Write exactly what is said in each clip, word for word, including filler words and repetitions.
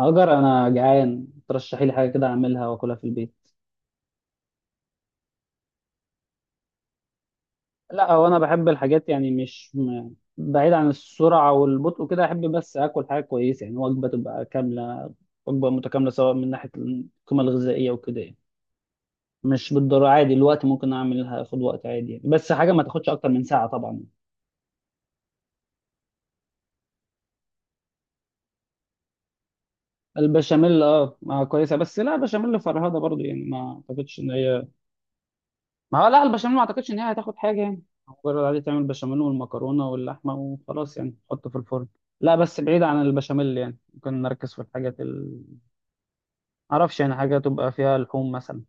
هاجر، انا جعان، ترشحي لي حاجه كده اعملها واكلها في البيت. لا هو انا بحب الحاجات يعني مش م... بعيد عن السرعه والبطء كده، احب بس اكل حاجه كويسه، يعني وجبه تبقى كامله، وجبه متكامله سواء من ناحيه القيمه الغذائيه وكده يعني. مش بالضروره، عادي الوقت ممكن اعملها اخد وقت عادي يعني. بس حاجه ما تاخدش اكتر من ساعه طبعا. البشاميل اه ما كويسه، بس لا بشاميل فرهده برضو، يعني ما اعتقدش ان هي. ما هو لا البشاميل ما اعتقدش ان هي هتاخد حاجه يعني، مجرد عادي تعمل بشاميل والمكرونه واللحمه وخلاص يعني تحطه في الفرن. لا بس بعيد عن البشاميل، يعني ممكن نركز في الحاجات ال... معرفش يعني حاجه تبقى فيها لحوم مثلا.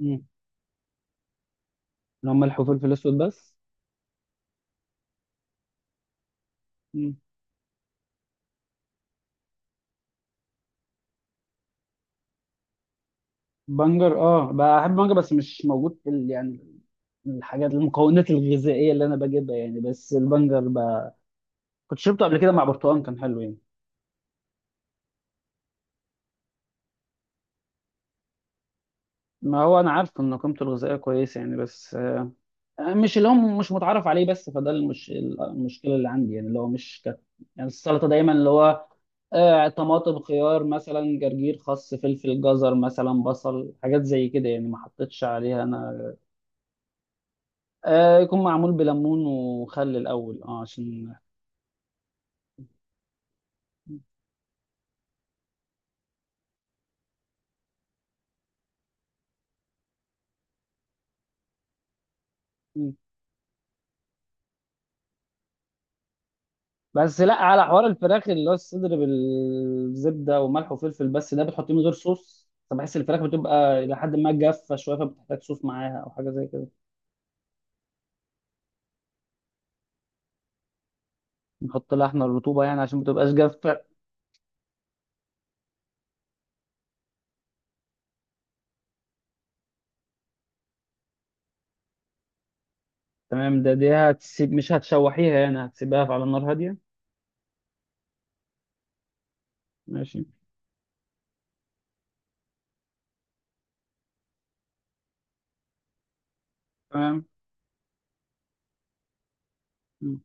امم لو ملح وفلفل اسود بس. امم بنجر اه بحب بنجر، بس مش موجود في ال... يعني الحاجات المكونات الغذائيه اللي انا بجيبها، يعني بس البنجر ب... كنت شربته قبل كده مع برتقال كان حلو يعني. ما هو انا عارف ان قيمته الغذائيه كويسه يعني، بس مش اللي هو مش متعرف عليه، بس فده المش... المشكله اللي عندي يعني اللي هو مش كت... يعني السلطه دايما اللي هو آه طماطم، خيار مثلا، جرجير، خس، فلفل، جزر مثلا، بصل، حاجات زي كده يعني، ما حطيتش عليها انا. آه، يكون معمول بليمون وخل الاول، اه عشان. مم. بس لا على حوار الفراخ اللي هو الصدر بالزبده وملح وفلفل بس، ده بتحطيه من غير صوص فبحس الفراخ بتبقى الى حد ما جافه شويه، فبتحتاج صوص معاها او حاجه زي كده. نحط لها احنا الرطوبة يعني عشان ما تبقاش جافة. تمام، ده دي هتسيب، مش هتشوحيها يعني، هتسيبها على النار هادية. ماشي. تمام. م.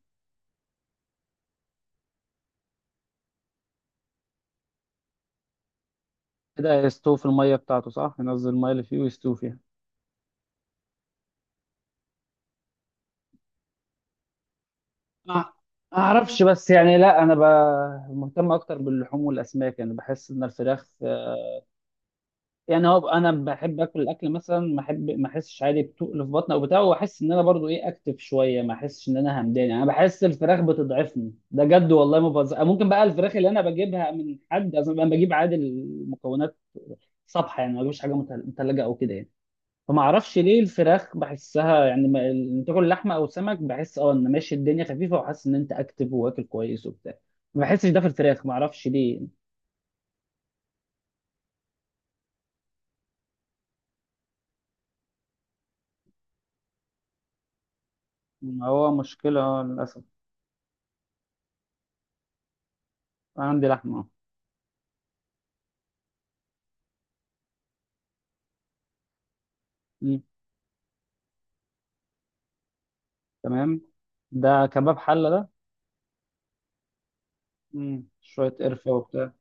كده هيستوي في المية بتاعته، صح؟ ينزل المية اللي فيه ويستوي فيها. ما ما اعرفش بس يعني، لا انا ب... مهتم اكتر باللحوم والاسماك، يعني بحس ان الفراخ، يعني هو انا بحب اكل الاكل مثلا ما احب، ما احسش عادي بتقل في بطني او بتاع، واحس ان انا برضو ايه اكتف شويه، ما احسش ان انا همدان يعني. انا بحس الفراخ بتضعفني، ده جد والله ما بهزر. ممكن بقى الفراخ اللي انا بجيبها من حد اصلا. انا بجيب عادي المكونات صبحه يعني، ما بجيبش حاجه متل- متلجه او كده يعني. فما اعرفش ليه الفراخ بحسها يعني، ما إن تاكل لحمه او سمك بحس اه ان ماشي الدنيا خفيفه، وحاسس ان انت اكتف واكل كويس وبتاع، ما بحسش ده في الفراخ، ما اعرفش ليه. هو مشكله آه، للاسف. أنا عندي لحمه. آه. تمام، ده كباب حلة ده. مم. شوية قرفة وبتاع.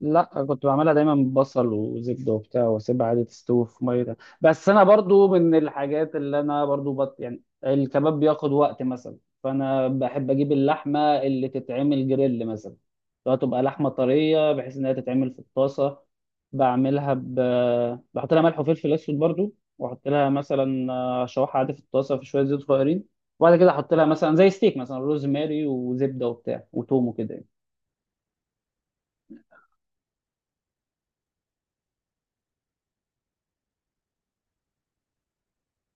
لا كنت بعملها دايما ببصل وزبده وبتاع واسيبها عادي تستوي في ميه ده. بس انا برضو من الحاجات اللي انا برضو بط... يعني الكباب بياخد وقت مثلا. فانا بحب اجيب اللحمه اللي تتعمل جريل مثلا، لو تبقى لحمه طريه بحيث انها تتعمل في الطاسه. بعملها ب... بحط لها ملح وفلفل اسود برضو، واحط لها مثلا آه، شوحها عادي في الطاسه في شويه زيت صغيرين، وبعد كده احط لها مثلا زي ستيك مثلا روزماري وزبده وبتاع وتوم وكده يعني.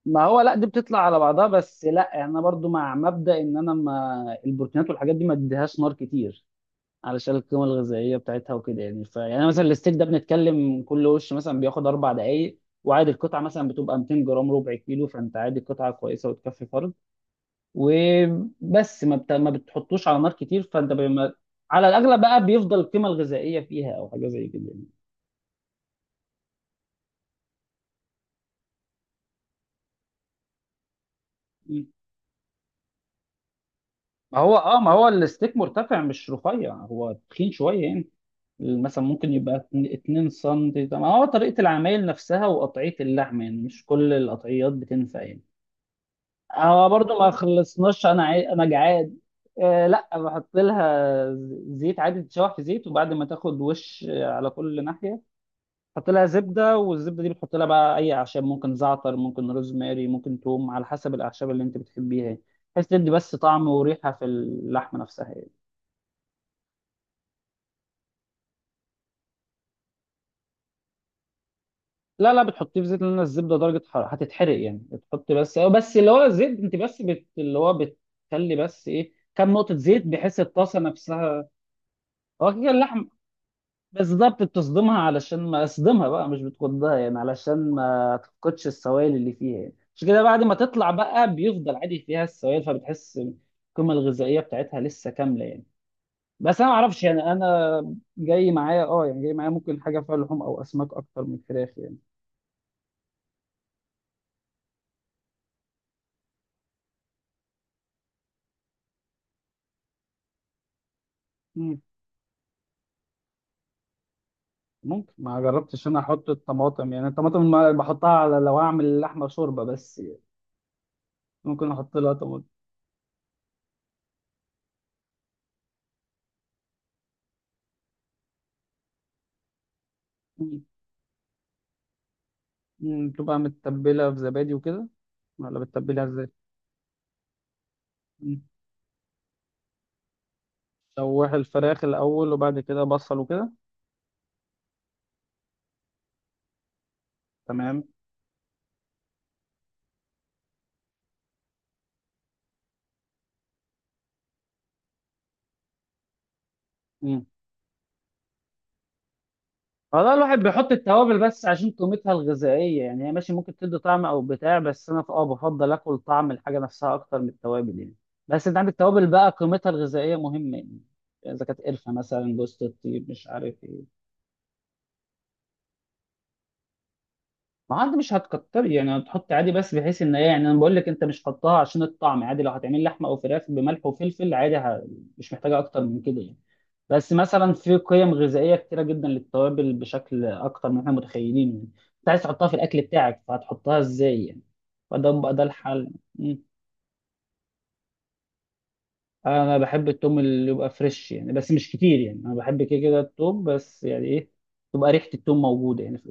ما هو لا دي بتطلع على بعضها، بس لا انا برضو مع مبدأ ان انا ما البروتينات والحاجات دي ما اديهاش نار كتير، علشان القيمه الغذائيه بتاعتها وكده يعني. فيعني مثلا الستيك ده بنتكلم كل وش مثلا بياخد اربع دقائق، وعادي القطعه مثلا بتبقى مئتين جرام ربع كيلو، فانت عادي قطعه كويسه وتكفي فرد. وبس ما بت... ما بتحطوش على نار كتير فانت بما... على الاغلب بقى بيفضل القيمه الغذائيه فيها او حاجه زي كده يعني. ما هو اه ما هو الستيك مرتفع مش رفيع، هو تخين شويه يعني، مثلا ممكن يبقى اتن- اتنين سم. ده ما هو طريقة العمايل نفسها وقطعية اللحم يعني، مش كل القطعيات بتنفع يعني. هو برضو ما خلصناش، انا عاي... انا جعان. آه لا بحط لها زيت، عادي تتشوح في زيت، وبعد ما تاخد وش على كل ناحية حط لها زبدة، والزبدة دي بتحط لها بقى اي اعشاب، ممكن زعتر، ممكن روزماري، ممكن توم، على حسب الاعشاب اللي انت بتحبيها يعني، بحيث تدي بس طعم وريحة في اللحمة نفسها يعني. لا لا بتحطيه في زيت، لان الزبده درجه حراره هتتحرق يعني. بتحط بس بس اللي هو الزيت، انت بس بت... اللي هو بتخلي بس ايه كام نقطه زيت بحيث الطاسه نفسها هو كده اللحم بالظبط بتصدمها، علشان ما اصدمها بقى مش بتكدها يعني، علشان ما تفقدش السوائل اللي فيها يعني. مش كده؟ بعد ما تطلع بقى بيفضل عادي فيها السوائل، فبتحس القيمه الغذائيه بتاعتها لسه كامله يعني. بس انا ما اعرفش يعني، انا جاي معايا اه يعني، جاي معايا ممكن حاجه فيها لحوم او اسماك اكتر من فراخ يعني. ممكن، ما جربتش انا احط الطماطم يعني. الطماطم ما بحطها على لو اعمل لحمه شوربه بس يعني. ممكن احط لها طماطم. مم. مم. بتبقى متبله في زبادي وكده ولا بتتبلها ازاي؟ مم. شوح الفراخ الاول وبعد كده بصل وكده. تمام. مم. والله الواحد بيحط التوابل بس عشان قيمتها الغذائيه يعني. هي ماشي ممكن تدي طعم او بتاع، بس انا ف- اه بفضل اكل طعم الحاجه نفسها اكتر من التوابل يعني. بس انت عندك التوابل بقى قيمتها الغذائيه مهمه يعني، اذا كانت قرفه مثلا، جوزة الطيب، مش عارف ايه. ما عاد مش هتكتري يعني، هتحط عادي بس بحيث ان ايه يعني. انا بقول لك، انت مش حطها عشان الطعم. عادي لو هتعمل لحمه او فراخ بملح وفلفل عادي ه... مش محتاجه اكتر من كده يعني. بس مثلا في قيم غذائيه كتيره جدا للتوابل بشكل اكتر من احنا متخيلين يعني، انت عايز تحطها في الاكل بتاعك، فهتحطها ازاي يعني. فده بقى ده الحل. مم. انا بحب التوم اللي يبقى فريش يعني، بس مش كتير يعني. انا بحب كده كده التوم بس يعني ايه، تبقى ريحه التوم موجوده يعني في.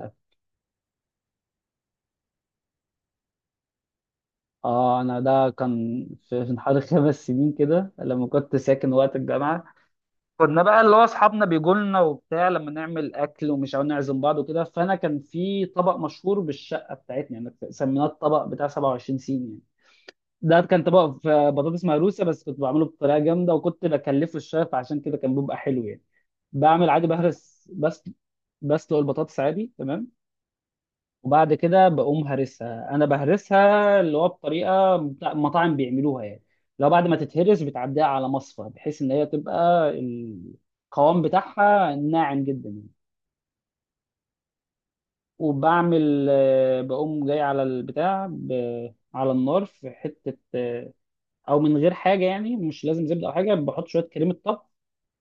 اه انا ده كان في في حوالي خمس سنين كده، لما كنت ساكن وقت الجامعه، كنا بقى اللي هو اصحابنا بيجوا لنا وبتاع لما نعمل اكل ومش عاوزين نعزم بعض وكده، فانا كان في طبق مشهور بالشقه بتاعتنا يعني، سميناه الطبق بتاع سبعة وعشرين سين يعني. ده كان طبق في بطاطس مهروسه بس كنت بعمله بطريقه جامده، وكنت بكلفه الشيف عشان كده كان بيبقى حلو يعني. بعمل عادي بهرس بس. بسلق البطاطس عادي، تمام. وبعد كده بقوم هرسها، انا بهرسها اللي هو بطريقه بتاع- مطاعم بيعملوها يعني. لو بعد ما تتهرس بتعديها على مصفى بحيث ان هي تبقى القوام بتاعها ناعم جدا يعني. وبعمل آه، بقوم جاي على البتاع ب- على النار في حته آه، او من غير حاجه يعني، مش لازم زبده او حاجه، بحط شويه كريمه طبخ،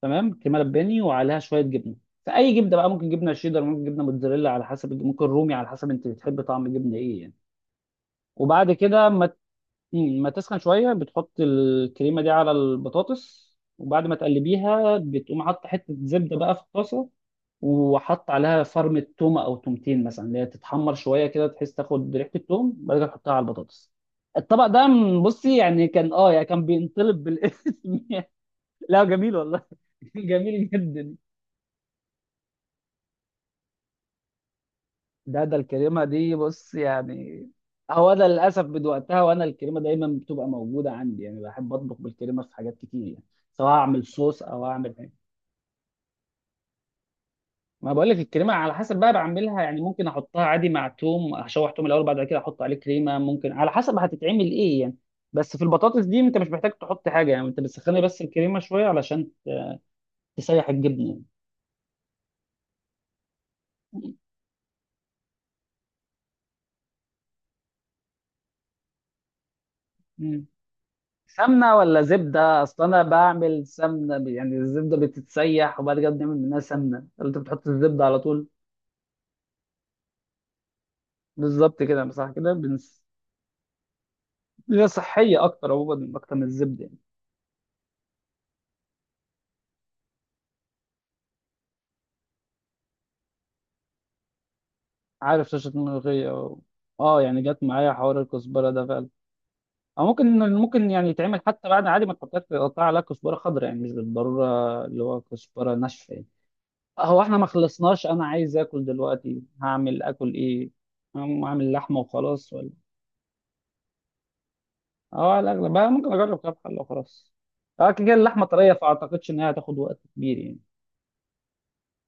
تمام كريمه لباني، وعليها شويه جبنه. فاي جبنه بقى، ممكن جبنه شيدر، ممكن جبنه موتزاريلا، على حسب، ممكن رومي، على حسب انت بتحب طعم الجبنه ايه يعني. وبعد كده مم، ما تسخن شويه بتحط الكريمه دي على البطاطس. وبعد ما تقلبيها بتقوم حاطه حته زبده بقى في الطاسه، وحط عليها فرمه تومه او تومتين مثلا، اللي هي تتحمر شويه كده بحيث تاخد ريحه التوم، بعد كده تحطها على البطاطس. الطبق ده م- بصي يعني كان اه يعني كان بينطلب بالاسم لا جميل والله. جميل جدا. ده ده الكريمة دي بص يعني. هو أنا للأسف من وقتها وأنا الكريمة دايما بتبقى موجودة عندي يعني، بحب أطبخ بالكريمة في حاجات كتير يعني، سواء أعمل صوص أو أعمل حاجة. ما بقول لك الكريمة على حسب بقى بعملها يعني. ممكن أحطها عادي مع توم، أشوح توم الأول بعد كده أحط عليه كريمة، ممكن على حسب هتتعمل إيه يعني. بس في البطاطس دي أنت مش محتاج تحط حاجة يعني، أنت بتسخني بس الكريمة شوية علشان تسيح الجبنة. يعني سمنة ولا زبدة؟ أصل أنا بعمل سمنة ب- يعني الزبدة بتتسيح وبعد كده بنعمل منها سمنة، ولا أنت بتحط الزبدة على طول؟ بالظبط كده، صح كده بنس... هي صحية أكتر عموما، أكتر من الزبدة يعني. عارف شاشة ملوخية و... أه يعني جت معايا حوار الكزبرة ده فعلا. أو ممكن ممكن يعني يتعمل حتى بعد عادي ما تحطهاش، تقطع عليها كزبرة خضراء، يعني مش بالضرورة اللي هو كزبرة ناشفة يعني. هو إحنا ما خلصناش، أنا عايز آكل دلوقتي، هعمل آكل إيه؟ هعمل لحمة وخلاص ولا؟ اه على الاغلب بقى ممكن اجرب كام حله وخلاص. اه كده كده اللحمه طريه فاعتقدش ان هي هتاخد وقت كبير يعني.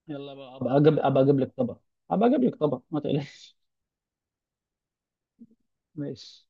يلا بقى، ابقى اجيب ابقى اجيب لك طبق، ابقى اجيب لك طبق ما تقلقش. ماشي.